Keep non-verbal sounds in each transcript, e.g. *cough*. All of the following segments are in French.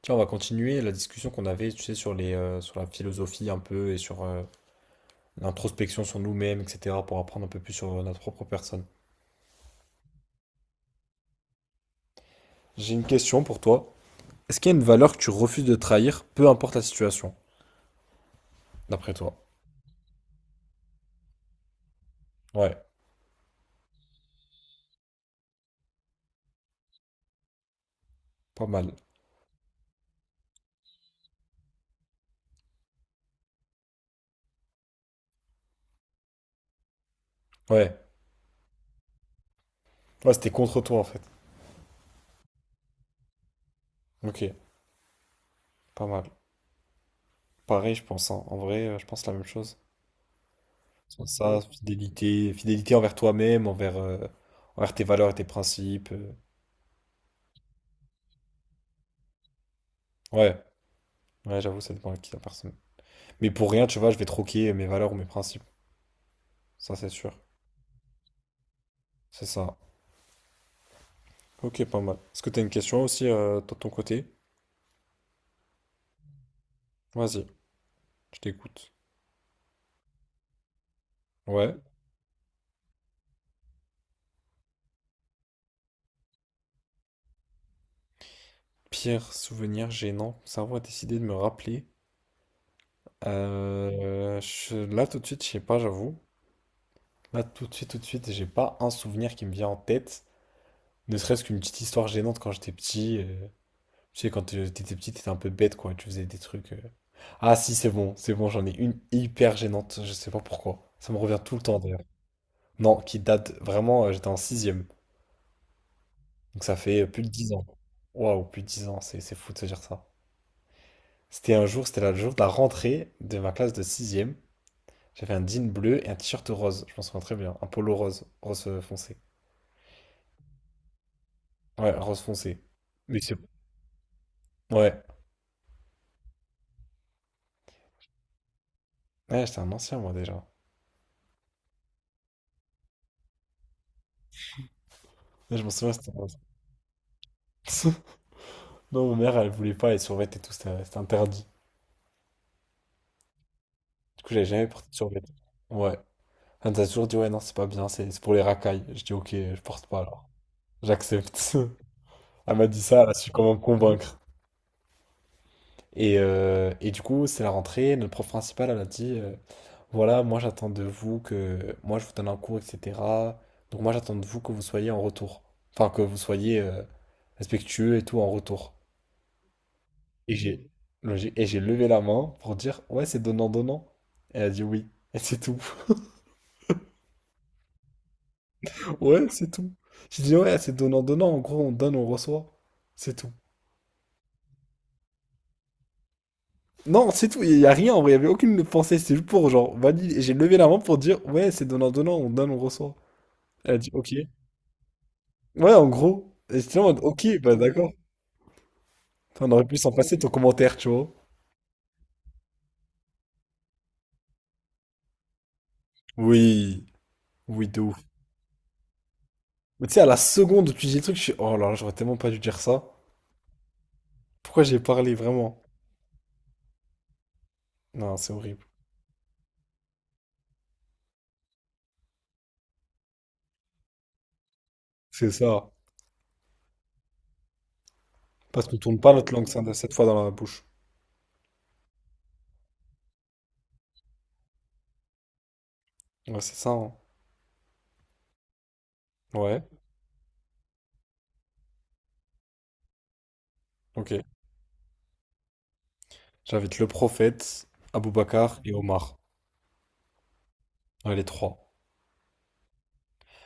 Tiens, on va continuer la discussion qu'on avait, tu sais, sur les, sur la philosophie un peu et sur l'introspection sur nous-mêmes, etc., pour apprendre un peu plus sur notre propre personne. J'ai une question pour toi. Est-ce qu'il y a une valeur que tu refuses de trahir, peu importe la situation, d'après toi? Ouais, pas mal. Ouais, ouais, c'était contre toi en fait. Ok, pas mal. Pareil, je pense, hein. En vrai, je pense la même chose. Sur ça, fidélité, fidélité envers toi-même, envers, envers tes valeurs et tes principes. Ouais, ouais, j'avoue, ça dépend à qui la personne. Mais pour rien, tu vois, je vais troquer mes valeurs ou mes principes. Ça, c'est sûr. C'est ça. Ok, pas mal. Est-ce que t'as une question aussi toi, de ton côté? Vas-y, je t'écoute. Ouais. Pire souvenir gênant. Mon cerveau a décidé de me rappeler. Là, tout de suite, je sais pas, j'avoue. Là, tout de suite, j'ai pas un souvenir qui me vient en tête. Ne serait-ce qu'une petite histoire gênante quand j'étais petit. Tu sais, quand t'étais petit, t'étais un peu bête, quoi. Tu faisais des trucs. Ah si, c'est bon, j'en ai une hyper gênante, je sais pas pourquoi. Ça me revient tout le temps d'ailleurs. Non, qui date vraiment, j'étais en 6e. Donc ça fait plus de 10 ans. Waouh, plus de 10 ans, c'est fou de se dire ça. C'était un jour, c'était le jour de la rentrée de ma classe de 6e. J'avais un jean bleu et un t-shirt rose, je m'en souviens très bien. Un polo rose, rose foncé. Ouais, rose foncé. Mais c'est... Ouais. Ouais, j'étais un ancien moi déjà. Ouais, je m'en souviens, c'était rose. *laughs* Non, ma mère, elle voulait pas les survêtements et tout, c'était interdit. Du coup, j'avais jamais porté de survêt. Ouais. Elle nous a toujours dit, ouais, non, c'est pas bien, c'est pour les racailles. Je dis, ok, je porte pas alors. J'accepte. *laughs* Elle m'a dit ça, elle a su comment me convaincre. Et du coup, c'est la rentrée, notre prof principal, elle a dit, voilà, moi j'attends de vous que, moi je vous donne un cours, etc. Donc moi j'attends de vous que vous soyez en retour. Enfin, que vous soyez respectueux et tout en retour. Et j'ai, et j'ai levé la main pour dire, ouais, c'est donnant-donnant. Elle a dit oui. Et c'est tout. *laughs* Ouais, c'est tout. J'ai dit, ouais, c'est donnant-donnant. En gros, on donne, on reçoit. C'est tout. Non, c'est tout, il y a rien en vrai, il y avait aucune pensée, c'était juste pour genre valider. Et j'ai levé la main pour dire ouais, c'est donnant donnant, on donne, on reçoit. Elle a dit OK. Ouais, en gros. Et j'étais là en mode OK, bah d'accord. Enfin, on aurait pu s'en passer ton commentaire, tu vois. Oui, oui, de ouf. Mais tu sais, à la seconde où tu dis le truc, je suis oh là là, j'aurais tellement pas dû dire ça. Pourquoi j'ai parlé vraiment? Non, c'est horrible. C'est ça. Parce qu'on tourne pas notre langue ça, cette fois dans la bouche. Ouais, c'est ça, hein. Ouais, ok. J'invite le prophète, Abou Bakar et Omar. Ouais, les trois.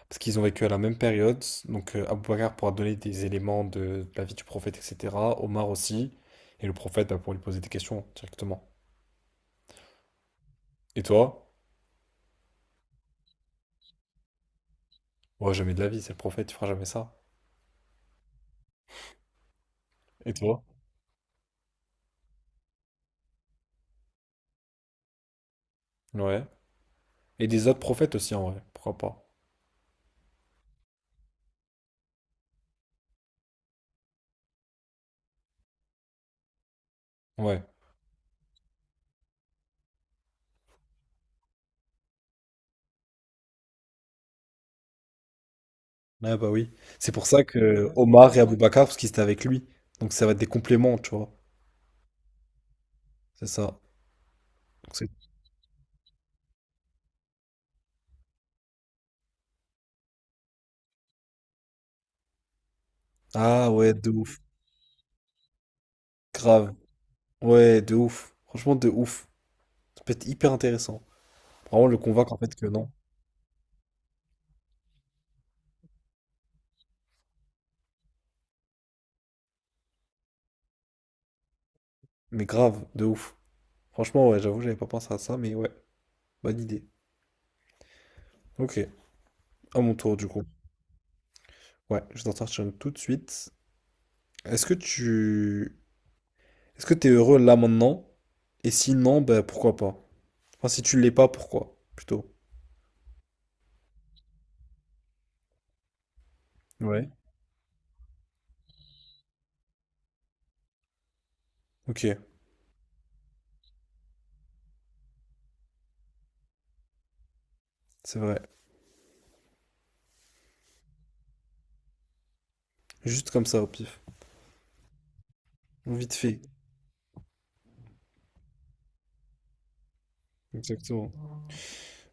Parce qu'ils ont vécu à la même période. Donc Abou Bakr pourra donner des éléments de la vie du prophète, etc. Omar aussi. Et le prophète bah, pourra lui poser des questions directement. Et toi? Ouais, jamais de la vie, c'est le prophète, il fera jamais ça. Et toi? Ouais. Et des autres prophètes aussi, en vrai. Pourquoi pas? Ouais. Ouais, bah oui. C'est pour ça que Omar et Abou Bakr, parce qu'ils étaient avec lui. Donc ça va être des compléments, tu vois. C'est ça. Donc, c'est- Ah ouais, de ouf. Grave. Ouais, de ouf. Franchement, de ouf. Ça peut être hyper intéressant. Vraiment le convaincre en fait que non. Mais grave, de ouf. Franchement, ouais, j'avoue, j'avais pas pensé à ça, mais ouais, bonne idée. Ok, à mon tour du coup. Ouais, je t'en sortir une tout de suite. Est-ce que tu... Est-ce que t'es heureux là maintenant? Et sinon, ben pourquoi pas? Enfin, si tu l'es pas, pourquoi? Plutôt. Ouais. Ok, c'est vrai. Juste comme ça, au pif. Vite fait. Exactement.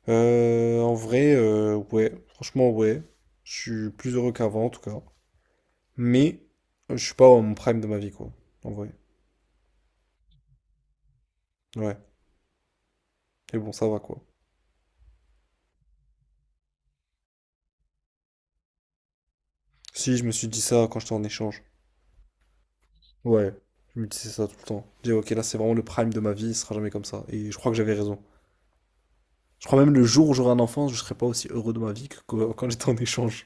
En vrai, ouais. Franchement, ouais. Je suis plus heureux qu'avant, en tout cas. Mais, je suis pas au prime de ma vie, quoi. En vrai. Ouais. Et bon, ça va, quoi. Si, je me suis dit ça quand j'étais en échange. Ouais, je me disais ça tout le temps. Je disais, ok, là c'est vraiment le prime de ma vie, il sera jamais comme ça. Et je crois que j'avais raison. Je crois même le jour où j'aurai un enfant, je serai pas aussi heureux de ma vie quand j'étais en échange.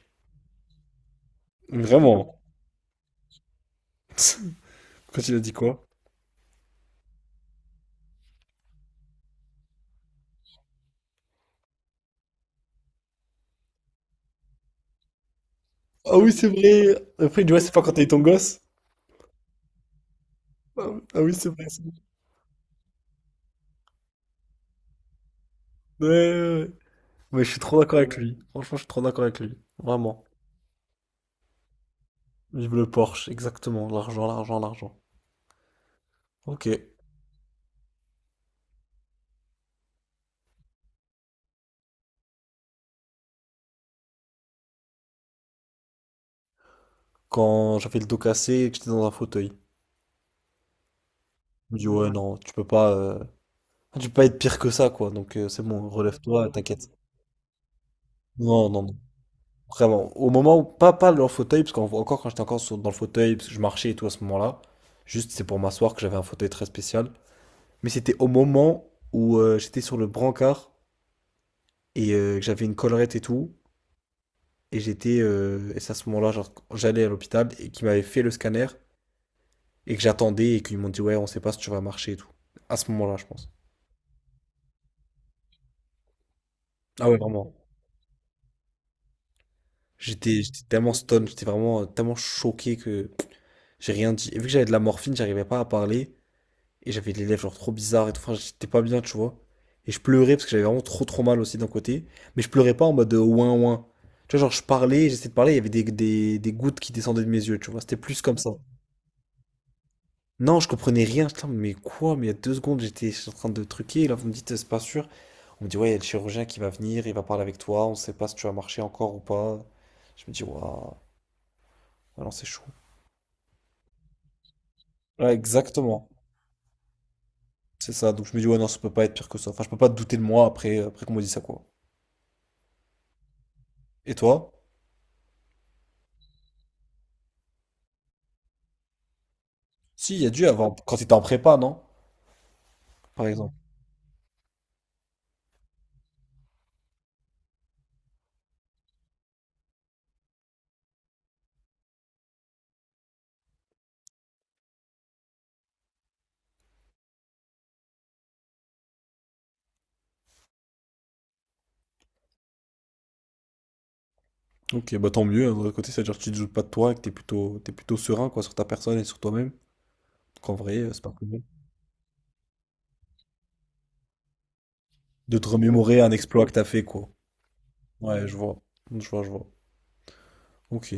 Vraiment. *laughs* Quand il a dit quoi? Ah oui, c'est vrai. Après, il dit, ouais, c'est pas quand t'as eu ton gosse. Ah oui, ah oui, c'est vrai, c'est vrai. Ouais, ouais, ouais. Mais je suis trop d'accord avec lui. Franchement, je suis trop d'accord avec lui. Vraiment. Vive le Porsche, exactement. L'argent, l'argent, l'argent. Ok. Quand j'avais le dos cassé et que j'étais dans un fauteuil, il me dit, ouais, non, tu peux pas. Enfin, tu peux pas être pire que ça, quoi. Donc c'est bon, relève-toi, t'inquiète. Non, non, non. Vraiment. Au moment où, pas, pas dans le fauteuil, parce qu'encore quand j'étais dans le fauteuil, parce que je marchais et tout à ce moment-là, juste c'est pour m'asseoir que j'avais un fauteuil très spécial. Mais c'était au moment où j'étais sur le brancard et que j'avais une collerette et tout, et j'étais c'est à ce moment-là, genre, j'allais à l'hôpital et qu'ils m'avaient fait le scanner et que j'attendais et qu'ils m'ont dit, ouais, on sait pas si tu vas marcher et tout. À ce moment-là, je pense. Ah ouais, vraiment. J'étais tellement stone, j'étais vraiment tellement choqué que. J'ai rien dit. Et vu que j'avais de la morphine, j'arrivais pas à parler. Et j'avais les lèvres genre trop bizarres et tout. Enfin, j'étais pas bien, tu vois. Et je pleurais parce que j'avais vraiment trop mal aussi d'un côté. Mais je pleurais pas en mode ouin ouin. Tu vois, genre je parlais, j'essayais de parler, il y avait des gouttes qui descendaient de mes yeux, tu vois. C'était plus comme ça. Non, je comprenais rien. Putain, mais quoi? Mais il y a deux secondes, j'étais en train de truquer. Et là, vous me dites, c'est pas sûr. On me dit, ouais, il y a le chirurgien qui va venir, il va parler avec toi. On sait pas si tu vas marcher encore ou pas. Je me dis, waouh, ah non, c'est chaud. Ouais, exactement. C'est ça, donc je me dis, ouais, non, ça peut pas être pire que ça. Enfin, je peux pas douter de moi après, après qu'on me dise ça, quoi. Et toi? Si, il y a dû avoir, quand t'étais en prépa, non? Par exemple. Ok, bah tant mieux, hein, d'un autre côté, c'est-à-dire que tu te doutes pas de toi et que t'es plutôt serein, quoi, sur ta personne et sur toi-même. Qu'en vrai, c'est pas plus mal. De te remémorer un exploit que t'as fait, quoi. Ouais, je vois. Je vois, je vois. Ok.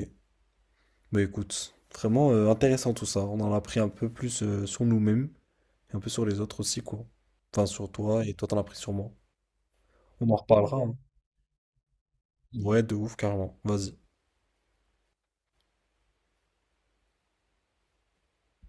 Bah écoute, vraiment intéressant tout ça. On en a appris un peu plus sur nous-mêmes et un peu sur les autres aussi, quoi. Enfin, sur toi et toi, t'en as appris sur moi. On en reparlera, hein. Ouais, de ouf, carrément. Vas-y.